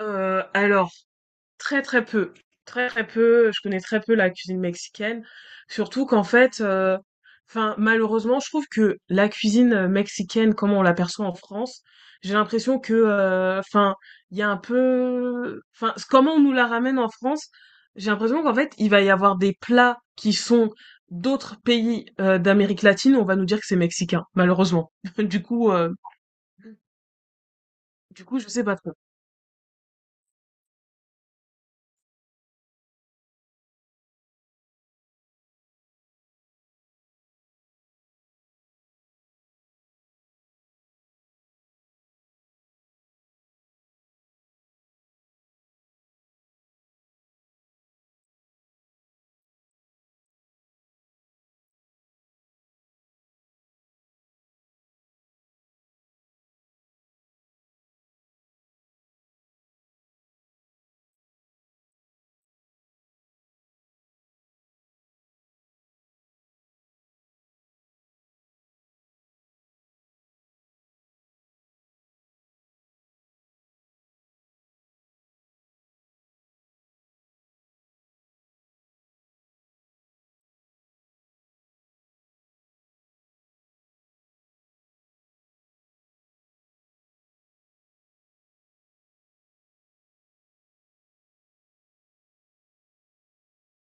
Alors très, très peu, très, très peu, je connais très peu la cuisine mexicaine, surtout qu'en fait, enfin malheureusement je trouve que la cuisine mexicaine comme on l'aperçoit en France, j'ai l'impression que, enfin il y a un peu enfin c comment on nous la ramène en France, j'ai l'impression qu'en fait il va y avoir des plats qui sont d'autres pays d'Amérique latine, on va nous dire que c'est mexicain, malheureusement. Du coup, heu, du coup je sais pas trop.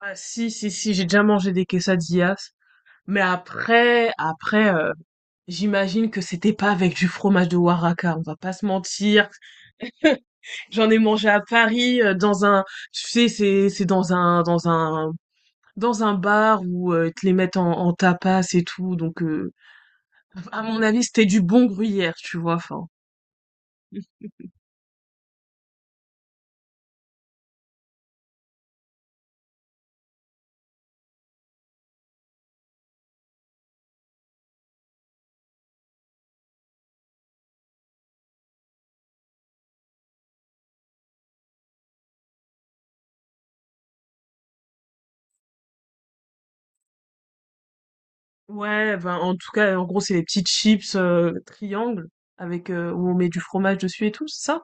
Ah si, si, si, j'ai déjà mangé des quesadillas. Mais après, j'imagine que c'était pas avec du fromage de Oaxaca, on va pas se mentir. J'en ai mangé à Paris, dans un tu sais, c'est dans un dans un dans un bar où, ils te les mettent en en tapas et tout, donc à mon avis, c'était du bon gruyère, tu vois? Enfin, ouais, ben, en tout cas, en gros, c'est les petites chips triangles avec, où on met du fromage dessus et tout, c'est ça?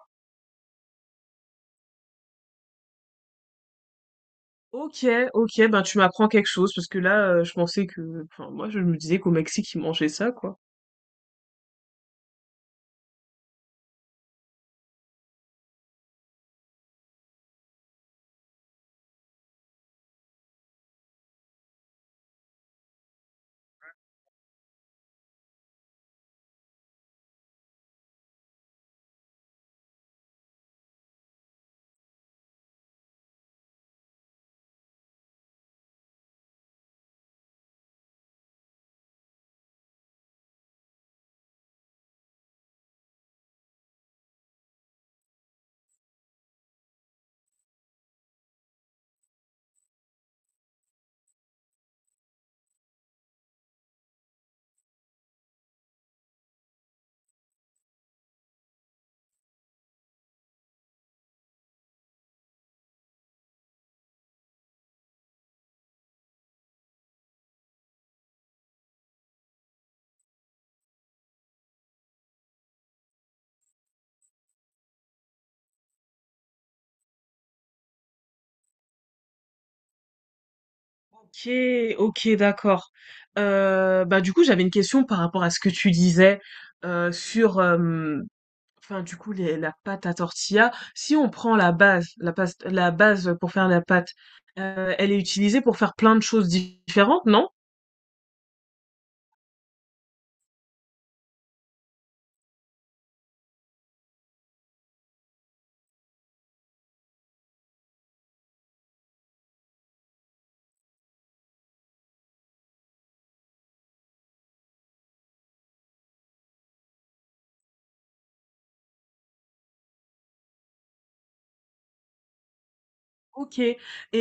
OK, OK, ben, tu m'apprends quelque chose parce que là, je pensais que enfin, moi, je me disais qu'au Mexique, ils mangeaient ça, quoi. Ok, ok, d'accord. Bah du coup, j'avais une question par rapport à ce que tu disais, sur, enfin du coup, la pâte à tortilla. Si on prend la base, la base, la base pour faire la pâte, elle est utilisée pour faire plein de choses différentes, non? OK et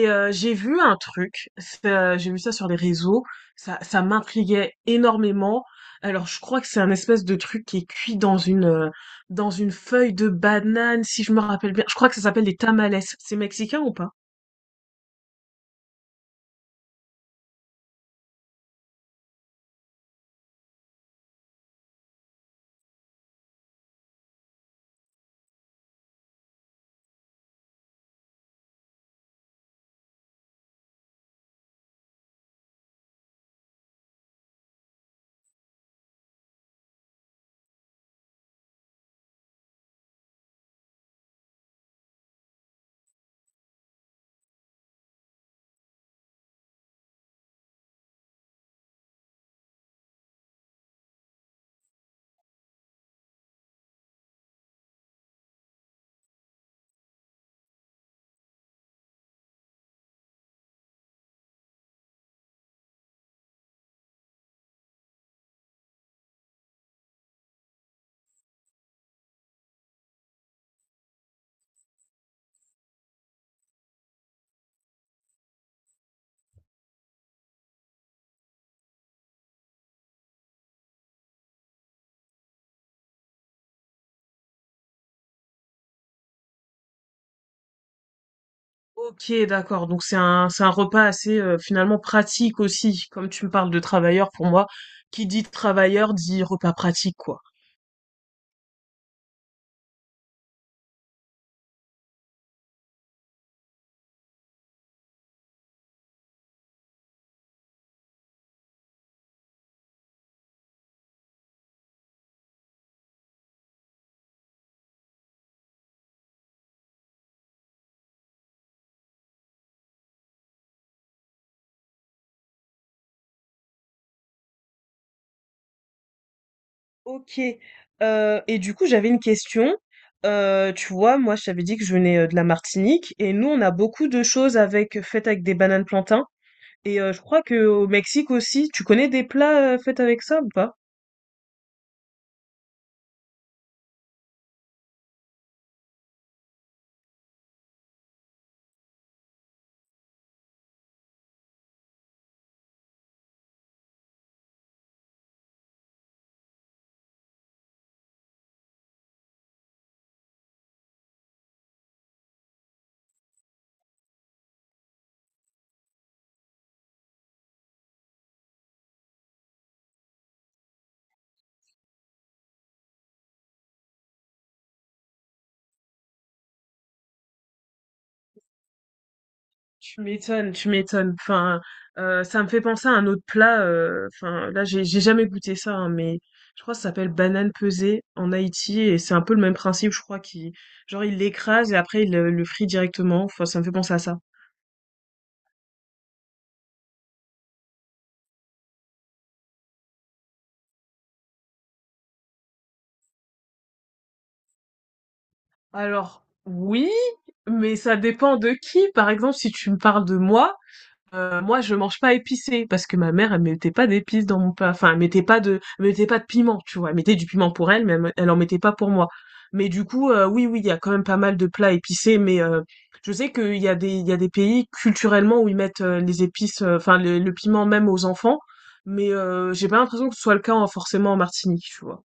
j'ai vu un truc, j'ai vu ça sur les réseaux, ça m'intriguait énormément. Alors je crois que c'est un espèce de truc qui est cuit dans une, dans une feuille de banane si je me rappelle bien. Je crois que ça s'appelle des tamales. C'est mexicain ou pas? OK, d'accord, donc c'est un repas assez, finalement pratique aussi. Comme tu me parles de travailleurs, pour moi, qui dit travailleur dit repas pratique, quoi. OK, et du coup, j'avais une question. Tu vois, moi, je t'avais dit que je venais de la Martinique et nous, on a beaucoup de choses avec faites avec des bananes plantains et je crois que au Mexique aussi. Tu connais des plats, faits avec ça ou pas? Tu m'étonnes, tu m'étonnes. Enfin, ça me fait penser à un autre plat, enfin, là, j'ai jamais goûté ça, hein, mais je crois que ça s'appelle banane pesée en Haïti et c'est un peu le même principe, je crois, qui genre, il l'écrase et après, il le frient directement. Enfin, ça me fait penser à ça. Alors oui, mais ça dépend de qui. Par exemple, si tu me parles de moi, moi je mange pas épicé parce que ma mère elle mettait pas d'épices dans mon plat. Enfin, elle mettait pas de, elle mettait pas de piment, tu vois. Elle mettait du piment pour elle, mais elle, elle en mettait pas pour moi. Mais du coup, oui, oui, il y a quand même pas mal de plats épicés, mais je sais qu'il y a des, il y a des pays culturellement où ils mettent les épices, enfin le piment même aux enfants, mais j'ai pas l'impression que ce soit le cas forcément en Martinique, tu vois.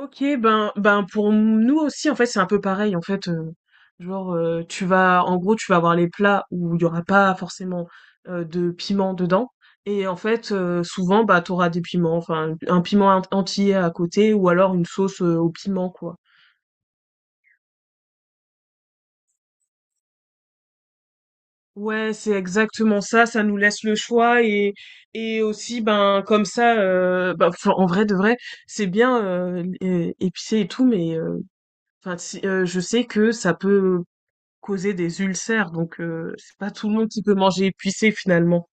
OK, ben ben pour nous aussi en fait, c'est un peu pareil en fait, genre, tu vas en gros, tu vas avoir les plats où il y aura pas forcément, de piment dedans et en fait, souvent, bah, t'auras des piments, enfin un piment en entier à côté ou alors une sauce, au piment quoi. Ouais, c'est exactement ça, ça nous laisse le choix et aussi ben comme ça, bah, enfin en vrai de vrai, c'est bien, é épicé et tout mais, enfin si, je sais que ça peut causer des ulcères, donc c'est pas tout le monde qui peut manger épicé finalement.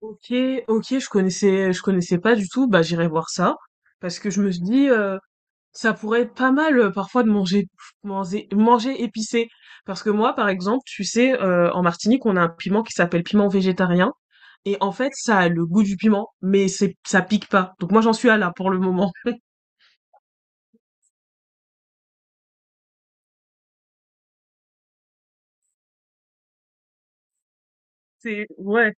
OK, OK, je connaissais pas du tout, bah, j'irai voir ça parce que je me suis dit, ça pourrait être pas mal, parfois de manger épicé. Parce que moi, par exemple, tu sais, en Martinique, on a un piment qui s'appelle piment végétarien et en fait, ça a le goût du piment, mais c'est ça pique pas. Donc moi, j'en suis à là pour le moment. C'est ouais.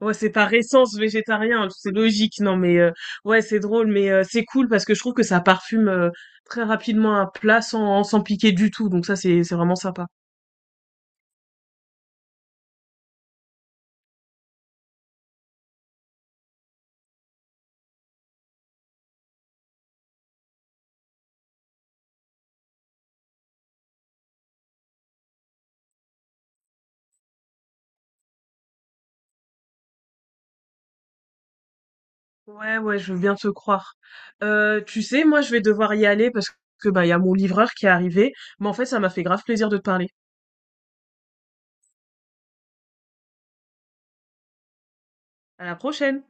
Ouais, c'est par essence végétarien, hein, c'est logique. Non, ouais, c'est drôle, c'est cool parce que je trouve que ça parfume très rapidement un plat sans piquer du tout. Donc ça, c'est vraiment sympa. Ouais, ouais, je veux bien te croire. Tu sais, moi, je vais devoir y aller parce que bah il y a mon livreur qui est arrivé. Mais en fait, ça m'a fait grave plaisir de te parler. À la prochaine.